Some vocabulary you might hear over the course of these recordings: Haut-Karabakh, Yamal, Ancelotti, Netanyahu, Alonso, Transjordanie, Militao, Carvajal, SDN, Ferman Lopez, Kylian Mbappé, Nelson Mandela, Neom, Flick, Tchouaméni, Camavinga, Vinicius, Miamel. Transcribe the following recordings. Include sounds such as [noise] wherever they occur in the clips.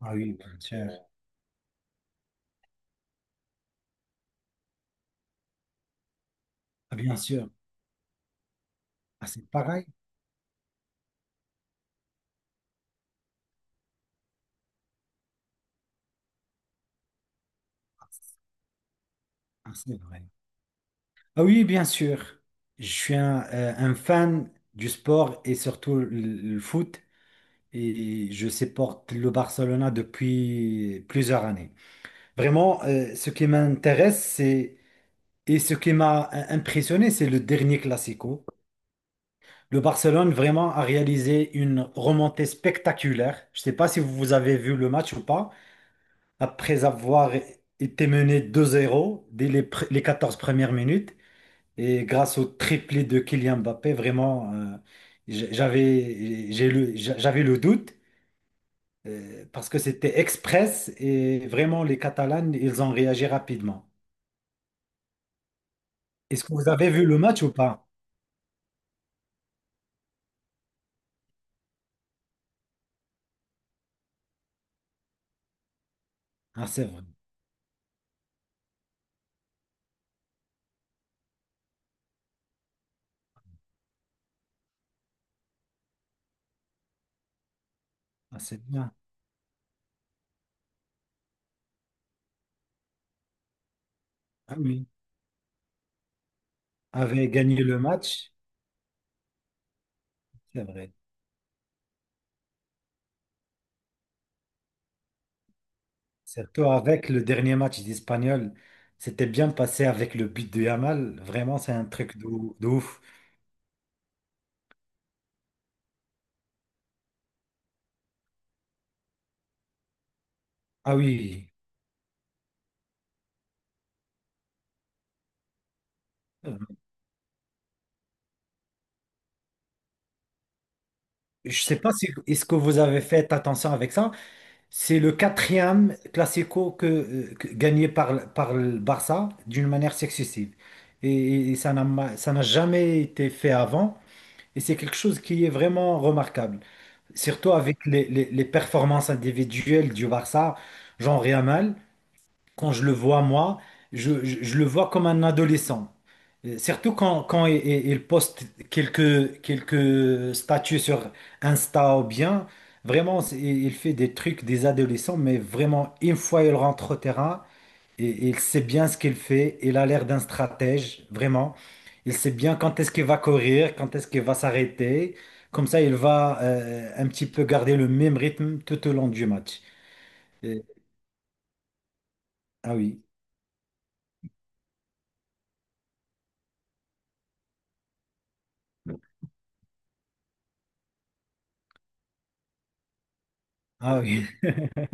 Ah oui, bien sûr. Ah, bien sûr. Ah, c'est pareil. Ah, c'est vrai. Ah oui, bien sûr. Je suis un fan du sport et surtout le foot. Et je supporte le Barcelona depuis plusieurs années. Vraiment, ce qui m'intéresse, c'est et ce qui m'a impressionné, c'est le dernier Classico. Le Barcelone vraiment a réalisé une remontée spectaculaire. Je ne sais pas si vous avez vu le match ou pas. Après avoir été mené 2-0 dès les 14 premières minutes. Et grâce au triplé de Kylian Mbappé, vraiment, j'avais le doute parce que c'était express et vraiment, les Catalans, ils ont réagi rapidement. Est-ce que vous avez vu le match ou pas? Ah, c'est vrai. Ah, c'est bien. Ah oui. Avait gagné le match, c'est vrai. Surtout avec le dernier match d'Espagnol. C'était bien passé avec le but de Yamal. Vraiment, c'est un truc de, ouf. Ah oui. Euh, je sais pas si est-ce que vous avez fait attention avec ça. C'est le quatrième classico que gagné par le Barça d'une manière successive. Et, ça n'a jamais été fait avant. Et c'est quelque chose qui est vraiment remarquable. Surtout avec les performances individuelles du Barça, genre Yamal. Quand je le vois, moi, je le vois comme un adolescent. Surtout quand il poste quelques statuts sur Insta ou bien, vraiment, il fait des trucs des adolescents, mais vraiment, une fois il rentre au terrain, il sait bien ce qu'il fait, il a l'air d'un stratège, vraiment. Il sait bien quand est-ce qu'il va courir, quand est-ce qu'il va s'arrêter. Comme ça, il va un petit peu garder le même rythme tout au long du match. Et- ah oui, ah oui, [laughs]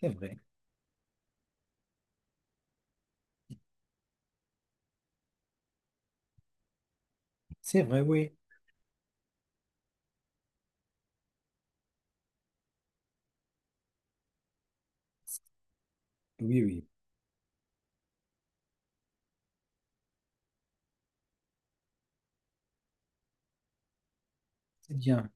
c'est vrai. C'est vrai, oui. Oui, oui, c'est bien.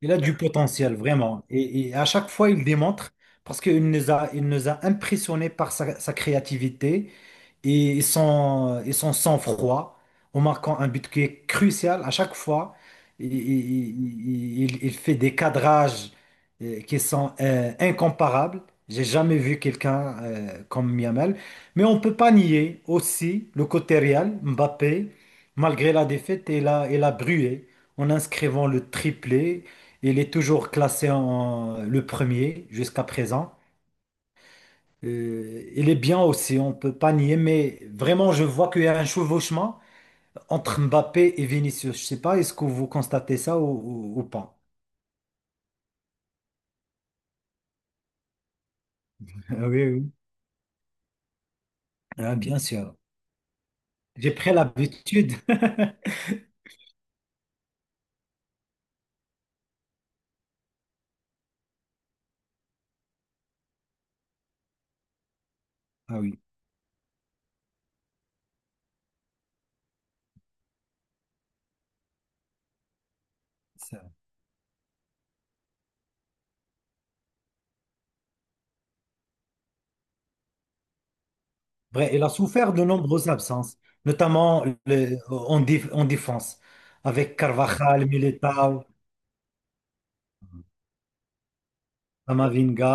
Il a du potentiel, vraiment. Et à chaque fois, il démontre parce qu'il nous a impressionnés par sa créativité, et son sang-froid en marquant un but qui est crucial à chaque fois. Il fait des cadrages qui sont incomparables. J'ai jamais vu quelqu'un comme Miamel. Mais on ne peut pas nier aussi le côté Real, Mbappé, malgré la défaite, il a brûlé en inscrivant le triplé. Il est toujours classé en le premier jusqu'à présent. Il est bien aussi, on peut pas nier, mais vraiment, je vois qu'il y a un chevauchement entre Mbappé et Vinicius. Je sais pas, est-ce que vous constatez ça ou pas? Ah oui, oui. Ah, bien sûr. J'ai pris l'habitude. [laughs] Ah oui, c'est vrai. Il a souffert de nombreuses absences, notamment en défense, avec Carvajal, Militao, Camavinga.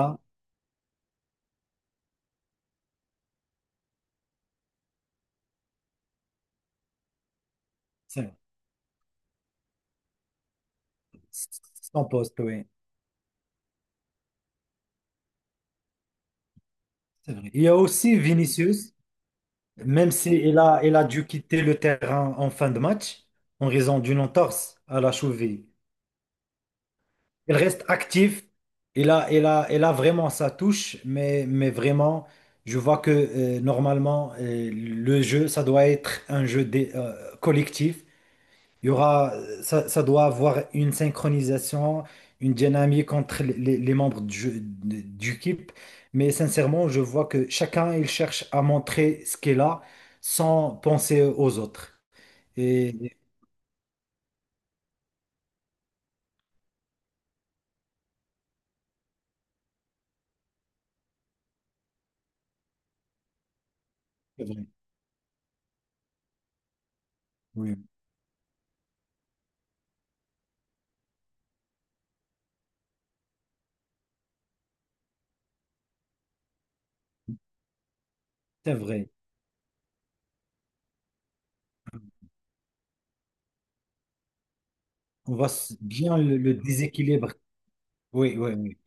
C'est vrai. Son poste, oui. C'est vrai. Il y a aussi Vinicius. Même si il a dû quitter le terrain en fin de match en raison d'une entorse à la cheville. Il reste actif. Il a vraiment sa touche, mais vraiment, je vois que normalement, le jeu, ça doit être un jeu collectif. Il y aura, ça doit avoir une synchronisation, une dynamique entre les membres du équipe. Mais sincèrement, je vois que chacun, il cherche à montrer ce qu'il a sans penser aux autres. Et c'est vrai, oui, c'est vrai. On voit bien le déséquilibre. Oui, oui, oui,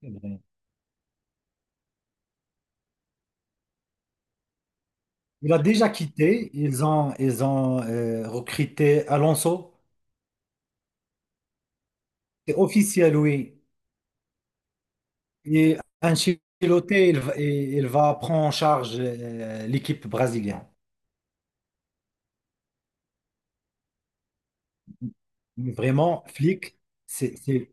c'est vrai. Il a déjà quitté. Ils ont recruté Alonso. C'est officiel, oui. Et Ancelotti, il va prendre en charge l'équipe brésilienne. Mais vraiment, Flick, c'est, c'est-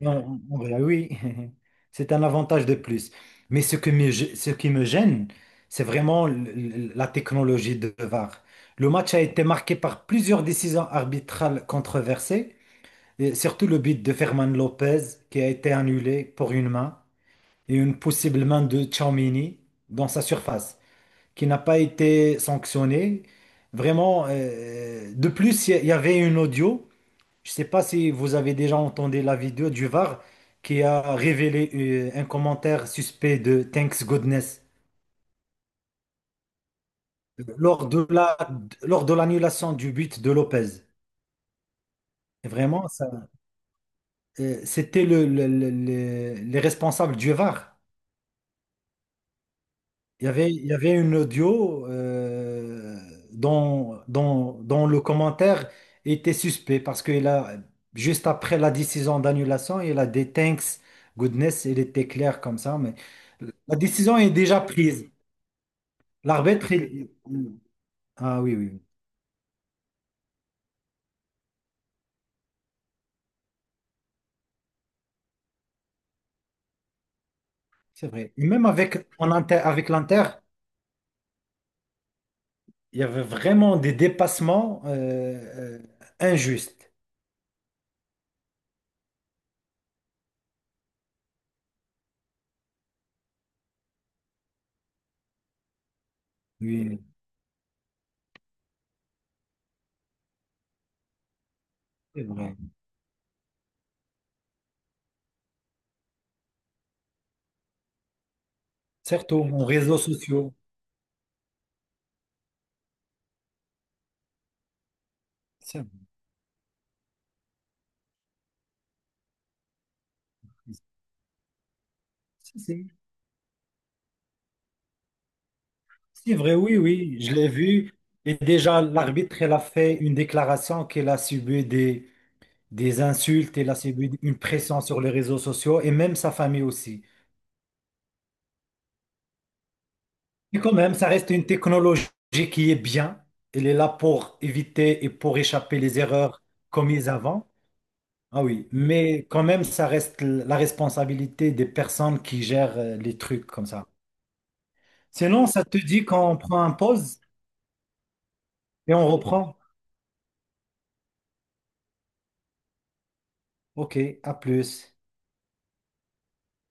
non, en vrai, oui, [laughs] c'est un avantage de plus. Mais ce qui me gêne, c'est vraiment la technologie de VAR. Le match a été marqué par plusieurs décisions arbitrales controversées, et surtout le but de Ferman Lopez qui a été annulé pour une main et une possible main de Tchouaméni dans sa surface qui n'a pas été sanctionné. Vraiment, de plus, il y avait une audio. Je ne sais pas si vous avez déjà entendu la vidéo du VAR qui a révélé un commentaire suspect de Thanks Goodness lors de la, lors de l'annulation du but de Lopez. Et vraiment, ça, c'était les responsables du VAR. Il y avait une audio dont le commentaire était suspect parce qu'il a, juste après la décision d'annulation, il a des thanks, goodness, il était clair comme ça, mais la décision est déjà prise. L'arbitre, ah oui, oui, oui, c'est vrai. Et même avec l'Inter, il y avait vraiment des dépassements injustes. Oui, c'est vrai. Surtout en réseaux sociaux. C'est vrai. Si, si. C'est vrai, oui, oui, je l'ai vu. Et déjà, l'arbitre, elle a fait une déclaration qu'elle a subi des insultes, elle a subi une pression sur les réseaux sociaux et même sa famille aussi. Mais quand même, ça reste une technologie qui est bien. Elle est là pour éviter et pour échapper les erreurs commises avant. Ah oui, mais quand même, ça reste la responsabilité des personnes qui gèrent les trucs comme ça. Sinon, ça te dit qu'on prend un pause et on reprend. OK, à plus.